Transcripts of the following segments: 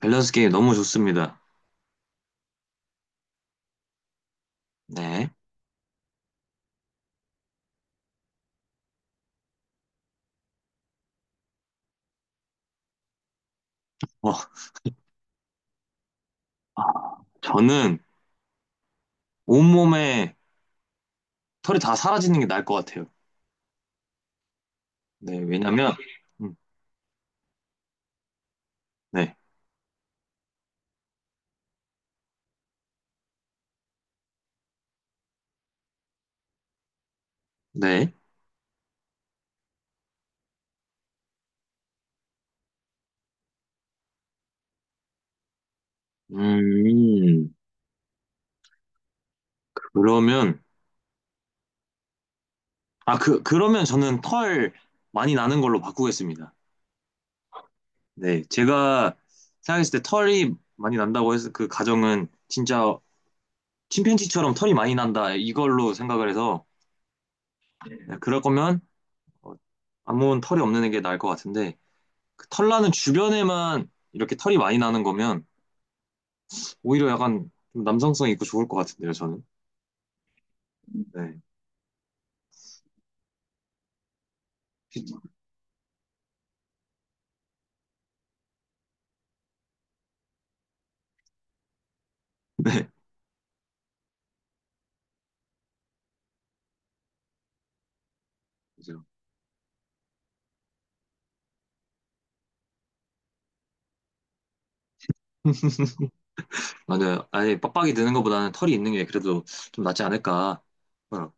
밸런스 게임 너무 좋습니다. 네. 어, 아, 저는 온몸에 털이 다 사라지는 게 나을 것 같아요. 네, 왜냐면, 음, 네, 네. 음, 그러면, 그러면 저는 털 많이 나는 걸로 바꾸겠습니다. 네, 제가 생각했을 때 털이 많이 난다고 해서 그 가정은 진짜 침팬지처럼 털이 많이 난다, 이걸로 생각을 해서, 네, 그럴 거면, 어, 아무 털이 없는 게 나을 것 같은데, 그 털나는 주변에만 이렇게 털이 많이 나는 거면 오히려 약간 좀 남성성 있고 좋을 것 같은데요, 저는. 네. 네. 그죠. 맞아요. 아예 빡빡이 드는 것보다는 털이 있는 게 그래도 좀 낫지 않을까. 어,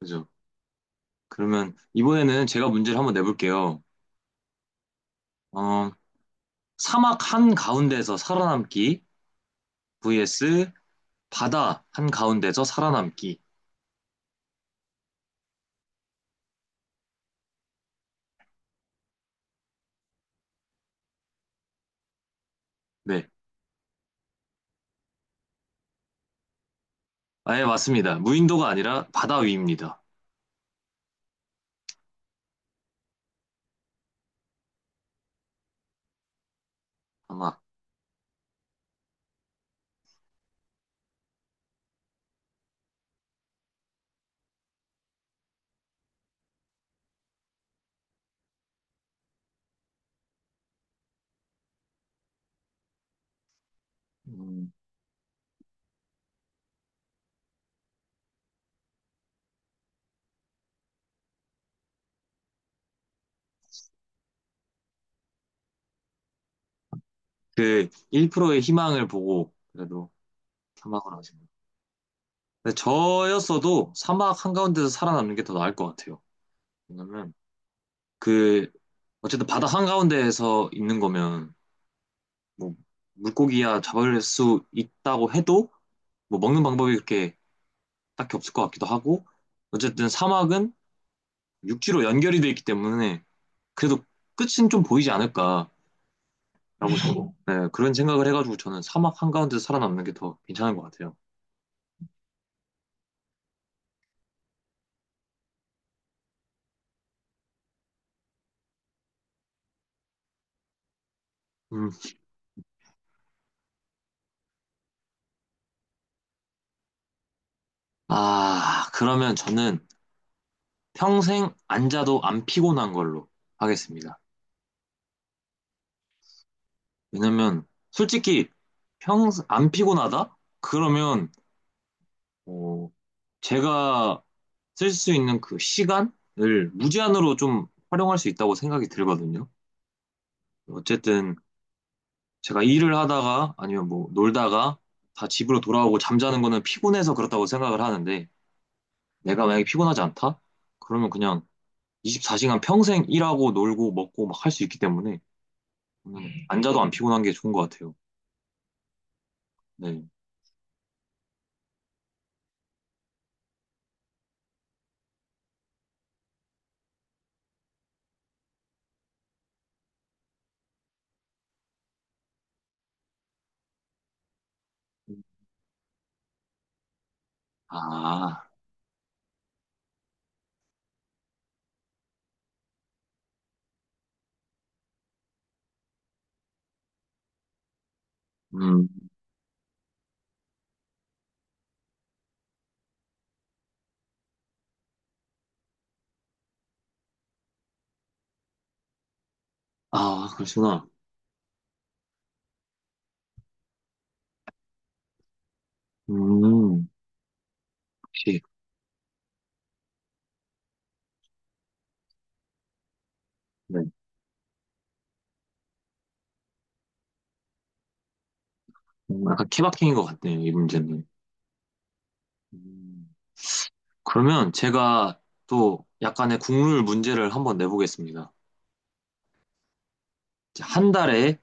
그죠. 그러면 이번에는 제가 문제를 한번 내볼게요. 어, 사막 한 가운데서 살아남기 vs 바다 한 가운데서 살아남기. 네. 아예 맞습니다. 무인도가 아니라 바다 위입니다. 아마. 음, 그 1%의 희망을 보고 그래도 사막으로 하시면. 근데 저였어도 사막 한가운데서 살아남는 게 더 나을 것 같아요. 왜냐면 그 어쨌든 바다 한가운데에서 있는 거면 뭐 물고기야 잡을 수 있다고 해도 뭐 먹는 방법이 그렇게 딱히 없을 것 같기도 하고 어쨌든 사막은 육지로 연결이 돼 있기 때문에 그래도 끝은 좀 보이지 않을까라고 저도 네, 그런 생각을 해가지고 저는 사막 한가운데서 살아남는 게 더 괜찮은 것 같아요. 음. 아, 그러면 저는 평생 안 자도 안 피곤한 걸로 하겠습니다. 왜냐면 솔직히 안 피곤하다? 그러면 어, 제가 쓸 수 있는 그 시간을 무제한으로 좀 활용할 수 있다고 생각이 들거든요. 어쨌든 제가 일을 하다가 아니면 뭐 놀다가 다 집으로 돌아오고 잠자는 거는 피곤해서 그렇다고 생각을 하는데 내가 만약에 피곤하지 않다? 그러면 그냥 24시간 평생 일하고 놀고 먹고 막 할 수 있기 때문에 앉아도 안 피곤한 게 좋은 것 같아요. 네. 아, 음, 아, 그러시구나. 음, 역시, 네. 약간 케바케인 것 같네요, 이 문제는. 음, 그러면 제가 또 약간의 국룰 문제를 한번 내보겠습니다. 이제 한 달에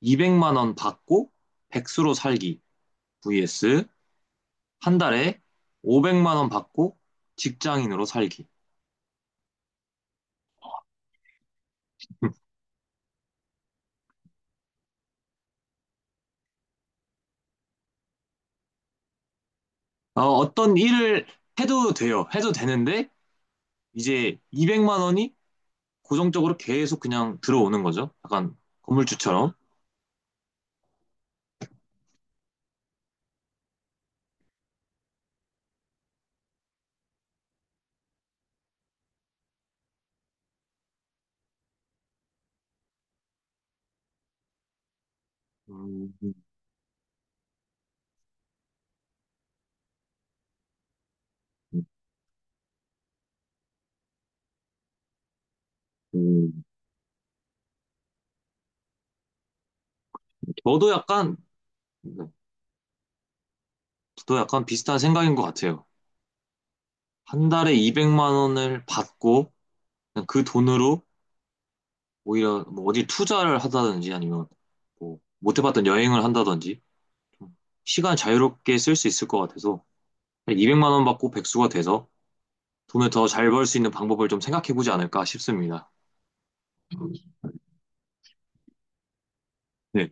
200만 원 받고 백수로 살기 vs 한 달에 500만 원 받고 직장인으로 살기. 어떤 일을 해도 돼요. 해도 되는데 이제 200만 원이 고정적으로 계속 그냥 들어오는 거죠. 약간 건물주처럼. 음, 음. 저도 약간, 네, 저도 약간 비슷한 생각인 것 같아요. 한 달에 200만 원을 받고 그냥 그 돈으로 오히려 뭐 어디 투자를 하다든지 아니면 뭐 못 해봤던 여행을 한다든지 좀 시간 자유롭게 쓸 수 있을 것 같아서 200만 원 받고 백수가 돼서 돈을 더 잘 벌 수 있는 방법을 좀 생각해보지 않을까 싶습니다. 네.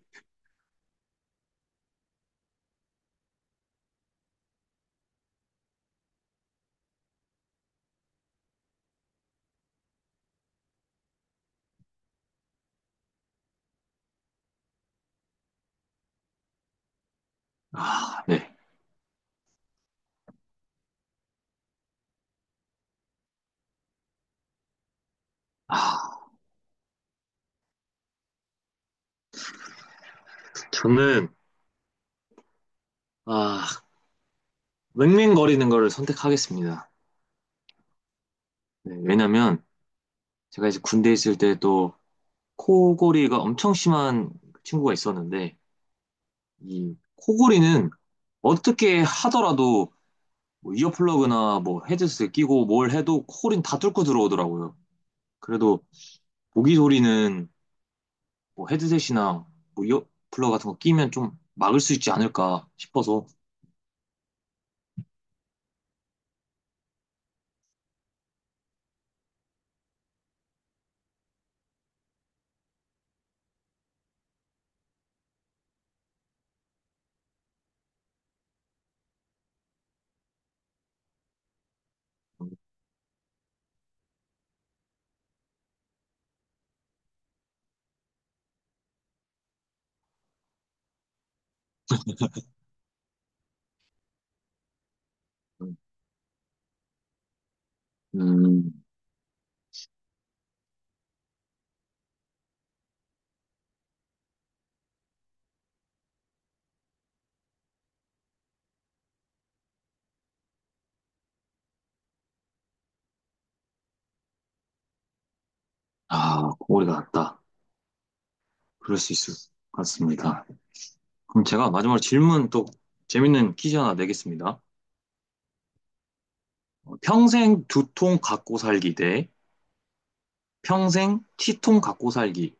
아, 네. 아, 저는, 아, 맹맹거리는 거를 선택하겠습니다. 네, 왜냐면 제가 이제 군대 에 있을 때 또 코골이가 엄청 심한 친구가 있었는데 이 코골이는 어떻게 하더라도 뭐 이어플러그나 뭐 헤드셋 끼고 뭘 해도 코골이는 다 뚫고 들어오더라고요. 그래도 모기 소리는 뭐 헤드셋이나 뭐 이어플러그 같은 거 끼면 좀 막을 수 있지 않을까 싶어서 음, 아, 코골이가 낫다. 그럴 수 있을 것 같습니다. 그럼 제가 마지막으로 질문 또 재밌는 퀴즈 하나 내겠습니다. 평생 두통 갖고 살기 대 평생 치통 갖고 살기.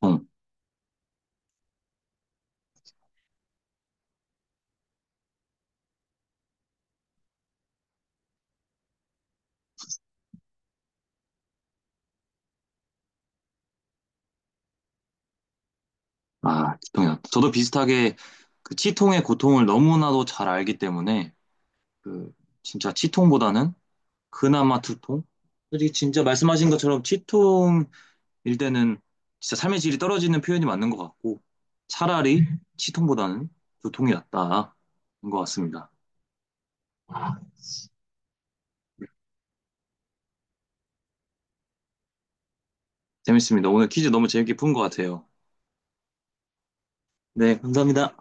통. 아, 치통이 났다 저도 비슷하게 그 치통의 고통을 너무나도 잘 알기 때문에 그 진짜 치통보다는 그나마 두통? 솔직히 진짜 말씀하신 것처럼 치통일 때는 진짜 삶의 질이 떨어지는 표현이 맞는 것 같고 차라리 치통보다는 두통이 낫다인 것 같습니다. 재밌습니다. 오늘 퀴즈 너무 재밌게 푼 것 같아요. 네, 감사합니다.